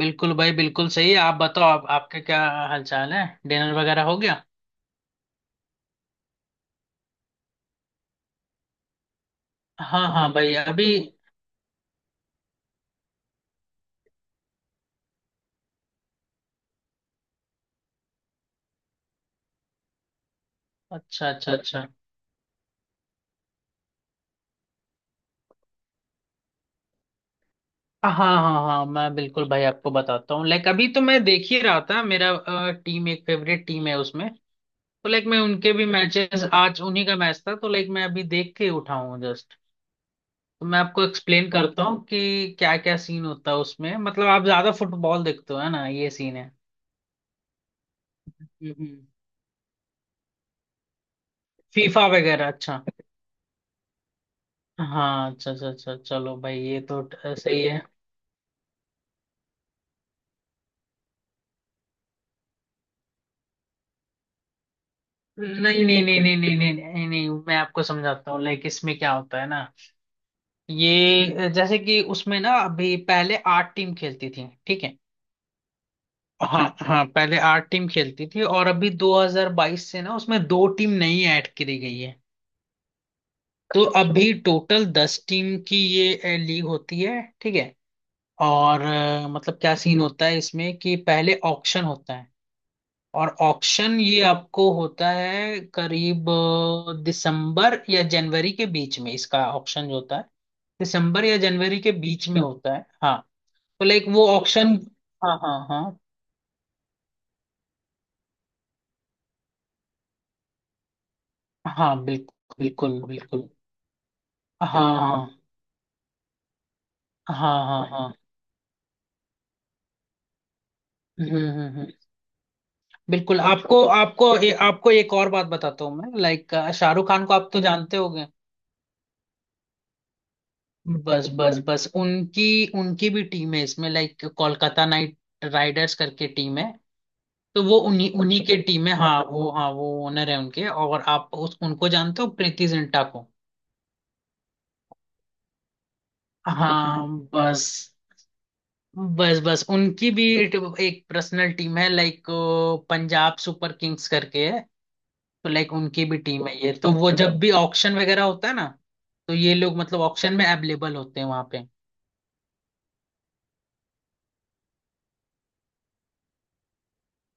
बिल्कुल भाई, बिल्कुल सही। आप बताओ, आप आपके क्या हालचाल है? डिनर वगैरह हो गया? हाँ हाँ भाई, अभी। अच्छा अच्छा अच्छा। हाँ हाँ हाँ, मैं बिल्कुल भाई आपको बताता हूँ। लाइक अभी तो मैं देख ही रहा था। मेरा टीम, एक फेवरेट टीम है उसमें। तो लाइक मैं उनके भी मैचेस, आज उन्हीं का मैच था, तो लाइक मैं अभी देख के उठा हूँ जस्ट। तो मैं आपको एक्सप्लेन करता हूँ कि क्या क्या सीन होता है उसमें। मतलब आप ज्यादा फुटबॉल देखते हो, है ना? ये सीन है, फीफा वगैरह। अच्छा। हाँ, अच्छा अच्छा अच्छा, चलो भाई, ये तो सही है। नहीं नहीं नहीं नहीं नहीं नहीं नहीं नहीं, मैं आपको समझाता हूँ। लाइक इसमें क्या होता है ना, ये जैसे कि उसमें ना, अभी पहले आठ टीम खेलती थी, ठीक है? हाँ हाँ, पहले आठ टीम खेलती थी, और अभी 2022 से ना, उसमें दो टीम नई ऐड करी गई है। तो अभी टोटल दस टीम की ये लीग होती है, ठीक है? और मतलब क्या सीन होता है इसमें, कि पहले ऑक्शन होता है। और ऑक्शन ये आपको होता है करीब दिसंबर या जनवरी के बीच में। इसका ऑक्शन जो होता है, दिसंबर या जनवरी के बीच में होता है, हाँ। तो लाइक वो ऑक्शन। हाँ हाँ हाँ हाँ। बिल्कुल बिल्कुल बिल्कुल। हाँ हाँ हाँ हाँ हाँ हाँ। हम्म। बिल्कुल, आपको आपको आपको एक और बात बताता हूँ मैं, लाइक शाहरुख खान को आप तो जानते होगे। बस बस बस उनकी, उनकी भी टीम है इसमें, लाइक कोलकाता नाइट राइडर्स करके टीम है। तो वो उन्हीं उन्हीं के टीम है, हाँ वो, हाँ वो ओनर है उनके। और आप उस उनको जानते हो, प्रीति जिंटा को? हाँ। बस बस बस उनकी भी एक एक पर्सनल टीम है, लाइक पंजाब सुपर किंग्स करके है। तो लाइक उनकी भी टीम है। ये तो वो जब भी ऑक्शन वगैरह होता है ना, तो ये लोग मतलब ऑक्शन में अवेलेबल होते हैं वहां पे।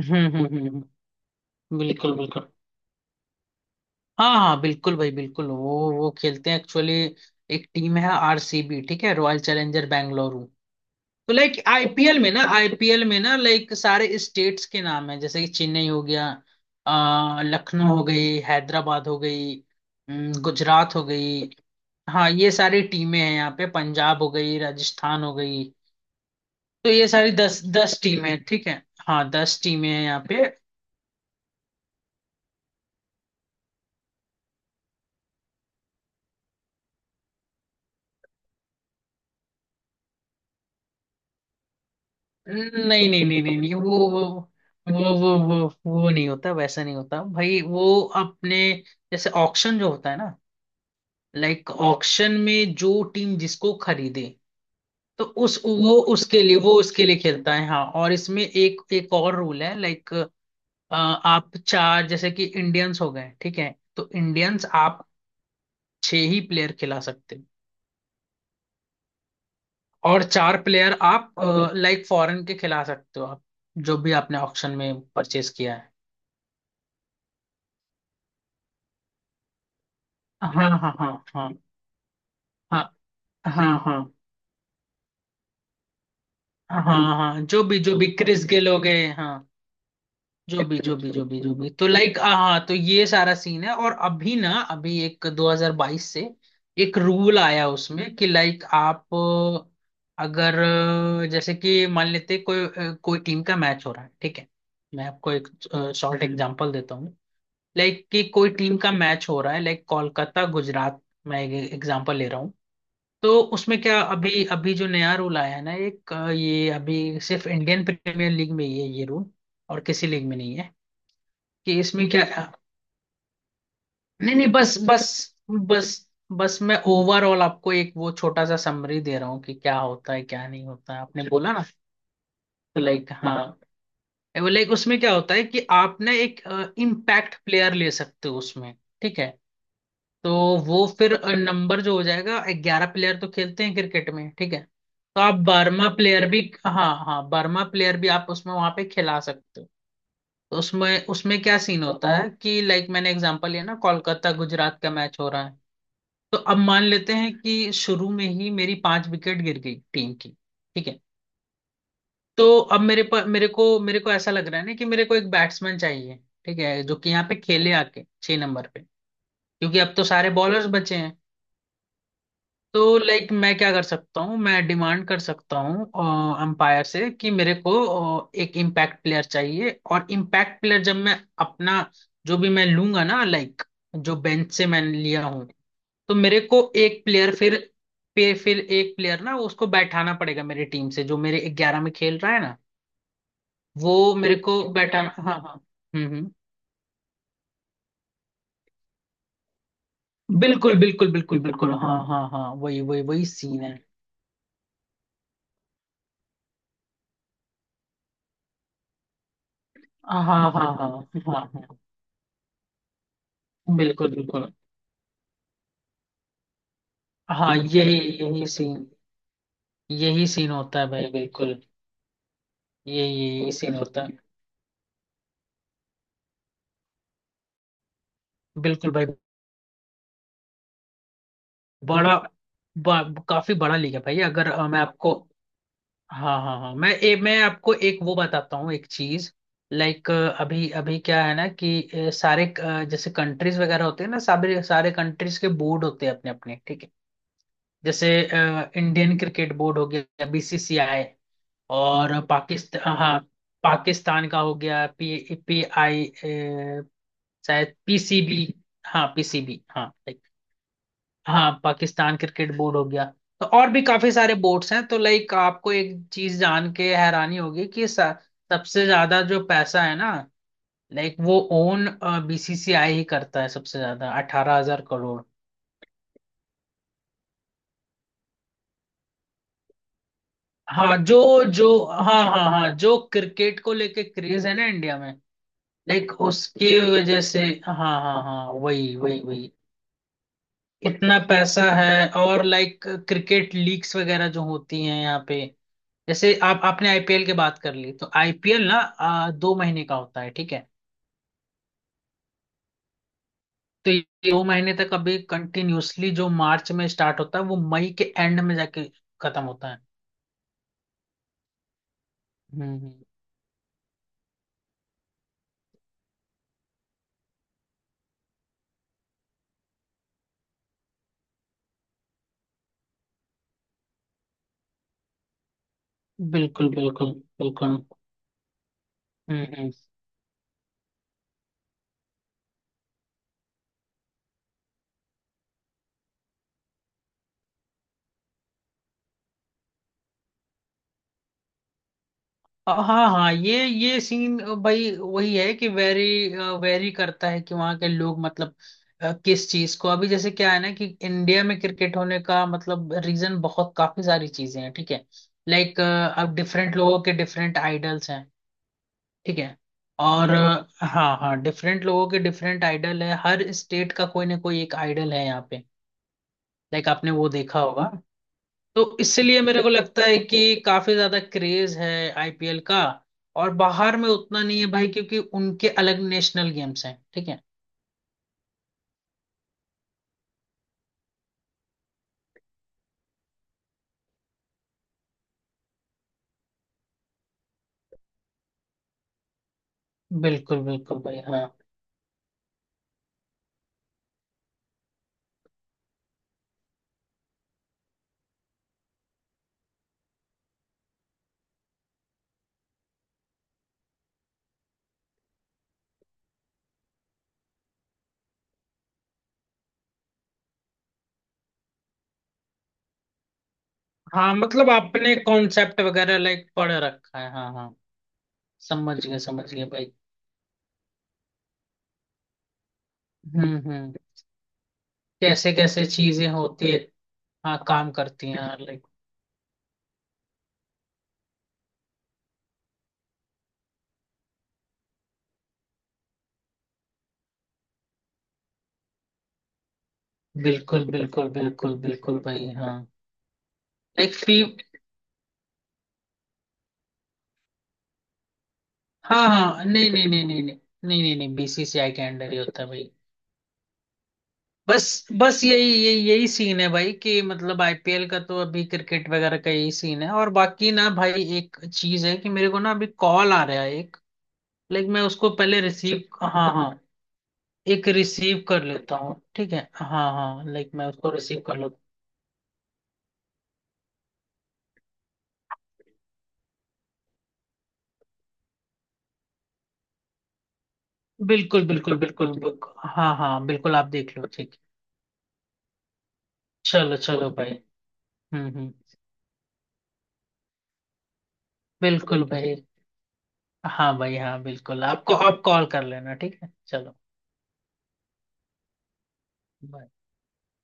हम्म। बिल्कुल बिल्कुल। हाँ हाँ बिल्कुल भाई, बिल्कुल। वो खेलते हैं एक्चुअली। एक टीम है आरसीबी, ठीक है, रॉयल चैलेंजर बेंगलुरु। तो लाइक आईपीएल में ना, आईपीएल में ना, लाइक सारे स्टेट्स के नाम है। जैसे कि चेन्नई हो गया, लखनऊ हो गई, हैदराबाद हो गई, गुजरात हो गई। हाँ ये सारी टीमें हैं यहाँ पे, पंजाब हो गई, राजस्थान हो गई। तो ये सारी दस दस टीमें हैं, ठीक है? हाँ, दस टीमें हैं यहाँ पे। नहीं नहीं नहीं नहीं नहीं, वो वो वो वो नहीं होता, वैसा नहीं होता भाई। वो अपने, जैसे ऑक्शन जो होता है ना, लाइक ऑक्शन में जो टीम जिसको खरीदे, तो उस, वो उसके लिए, वो उसके लिए खेलता है, हाँ। और इसमें एक एक और रूल है, लाइक आप चार, जैसे कि इंडियंस हो गए, ठीक है, तो इंडियंस आप छह ही प्लेयर खिला सकते हो। और चार प्लेयर आप लाइक फॉरेन के खिला सकते हो आप, जो भी आपने ऑक्शन में परचेज किया है। हाँ हाँ हाँ हाँ हाँ हाँ हाँ हाँ हाँ हाँ, जो भी क्रिस गेल हो गए, हाँ, जो भी, तो लाइक हाँ हाँ, तो ये सारा सीन है। और अभी ना, अभी एक 2022 से एक रूल आया उसमें, कि लाइक आप अगर, जैसे कि मान लेते, कोई कोई टीम का मैच हो रहा है, ठीक है? मैं आपको एक शॉर्ट एग्जांपल देता हूँ। लाइक कि कोई टीम का मैच हो रहा है, लाइक कोलकाता गुजरात, मैं एग्जांपल ले रहा हूँ। तो उसमें क्या, अभी अभी जो नया रूल आया है ना, एक ये अभी सिर्फ इंडियन प्रीमियर लीग में ही है ये रूल, और किसी लीग में नहीं है। कि इसमें क्या, नहीं नहीं, बस बस बस बस मैं ओवरऑल आपको एक वो छोटा सा समरी दे रहा हूँ कि क्या होता है क्या नहीं होता है, आपने बोला ना। तो लाइक हाँ, वो लाइक उसमें क्या होता है, कि आप ना एक इम्पैक्ट प्लेयर ले सकते हो उसमें, ठीक है? तो वो फिर नंबर जो हो जाएगा, ग्यारह प्लेयर तो खेलते हैं क्रिकेट में, ठीक है? तो आप बारहवा प्लेयर भी, हाँ हाँ, बारहवा प्लेयर भी आप उसमें वहां पे खिला सकते हो। तो उसमें, उसमें क्या सीन होता है कि लाइक मैंने एग्जांपल लिया ना, कोलकाता गुजरात का मैच हो रहा है। तो अब मान लेते हैं कि शुरू में ही मेरी पांच विकेट गिर गई टीम की, ठीक है? तो अब मेरे को ऐसा लग रहा है ना कि मेरे को एक बैट्समैन चाहिए, ठीक है, जो कि यहाँ पे खेले आके छह नंबर पे, क्योंकि अब तो सारे बॉलर्स बचे हैं। तो लाइक मैं क्या कर सकता हूँ, मैं डिमांड कर सकता हूँ अंपायर से कि मेरे को एक इम्पैक्ट प्लेयर चाहिए। और इम्पैक्ट प्लेयर जब मैं अपना जो भी मैं लूंगा ना, लाइक जो बेंच से मैं लिया हूँ, तो मेरे को एक प्लेयर फिर पे, फिर एक प्लेयर ना, उसको बैठाना पड़ेगा मेरी टीम से, जो मेरे ग्यारह में खेल रहा है ना, वो मेरे को बैठाना, हाँ हाँ। हम्म। बिल्कुल बिल्कुल बिल्कुल बिल्कुल, हाँ हाँ हाँ, वही वही वही सीन है। हाँ हाँ हाँ हाँ हाँ, बिल्कुल बिल्कुल। हाँ, यही, यही सीन, यही सीन होता है भाई, बिल्कुल। यही, यही सीन होता है। बिल्कुल भाई, बड़ा, बा, काफी बड़ा लीग है भाई। अगर मैं आपको, हाँ हाँ हाँ मैं, मैं आपको एक वो बताता हूँ एक चीज। लाइक अभी, अभी क्या है ना कि सारे जैसे कंट्रीज वगैरह होते हैं ना, सारे सारे कंट्रीज के बोर्ड होते हैं अपने अपने, ठीक है। जैसे इंडियन क्रिकेट बोर्ड हो गया, बीसीसीआई। और पाकिस्तान, हाँ, पाकिस्तान का हो गया पी पी आई, शायद पीसीबी, हाँ पीसीबी हाँ। लाइक हाँ, पाकिस्तान क्रिकेट बोर्ड हो गया। तो और भी काफी सारे बोर्ड्स हैं। तो लाइक आपको एक चीज जान के हैरानी होगी कि सबसे ज्यादा जो पैसा है ना, लाइक वो ओन बीसीसीआई ही करता है, सबसे ज्यादा अठारह हजार करोड़। हाँ, जो जो हाँ हाँ हाँ, जो क्रिकेट को लेके क्रेज है ना इंडिया में, लाइक उसकी वजह से, हाँ हाँ हाँ, वही वही वही, इतना पैसा है। और लाइक क्रिकेट लीग्स वगैरह जो होती हैं यहाँ पे, जैसे आप, आपने आईपीएल की बात कर ली, तो आईपीएल ना दो महीने का होता है, ठीक है? तो ये दो महीने तक अभी कंटिन्यूअसली, जो मार्च में स्टार्ट होता है, वो मई के एंड में जाके खत्म होता है। हम्म। बिल्कुल बिल्कुल बिल्कुल। हम्म। हाँ हाँ, ये सीन भाई वही है कि वेरी वेरी करता है कि वहाँ के लोग मतलब, किस चीज को, अभी जैसे क्या है ना कि इंडिया में क्रिकेट होने का मतलब रीजन, बहुत काफी सारी चीजें हैं, ठीक है। लाइक अब डिफरेंट लोगों के डिफरेंट आइडल्स हैं, ठीक है। और हाँ हाँ, डिफरेंट लोगों के डिफरेंट आइडल है, हर स्टेट का कोई ना कोई एक आइडल है यहाँ पे, लाइक आपने वो देखा होगा। तो इसलिए मेरे को लगता है कि काफी ज्यादा क्रेज है आईपीएल का। और बाहर में उतना नहीं है भाई, क्योंकि उनके अलग नेशनल गेम्स हैं, ठीक है। बिल्कुल बिल्कुल भाई, हाँ। हाँ मतलब आपने कॉन्सेप्ट वगैरह लाइक पढ़ रखा है, हाँ हाँ। समझ गए भाई। हम्म। कैसे कैसे चीजें होती है। हाँ काम करती हैं यार, लाइक बिल्कुल बिल्कुल बिल्कुल बिल्कुल भाई, हाँ। लाइक फी हाँ हाँ, नहीं नहीं नहीं नहीं नहीं नहीं नहीं नहीं, बीसीसीआई के अंडर ही होता है भाई। बस बस यही, यही यही सीन है भाई, कि मतलब आईपीएल का, तो अभी क्रिकेट वगैरह का यही सीन है। और बाकी ना भाई, एक चीज है कि मेरे को ना अभी कॉल आ रहा है एक, लाइक मैं उसको पहले रिसीव, हाँ हाँ, एक रिसीव कर लेता हूँ, ठीक है? हाँ हाँ, लाइक मैं उसको रिसीव कर लूँ। बिल्कुल बिल्कुल बिल्कुल बिल्कुल, हाँ हाँ बिल्कुल, आप देख लो ठीक। चलो चलो भाई। हम्म। बिल्कुल भाई। हाँ भाई हाँ बिल्कुल, आपको आप कॉल कर लेना, ठीक है, चलो। bye।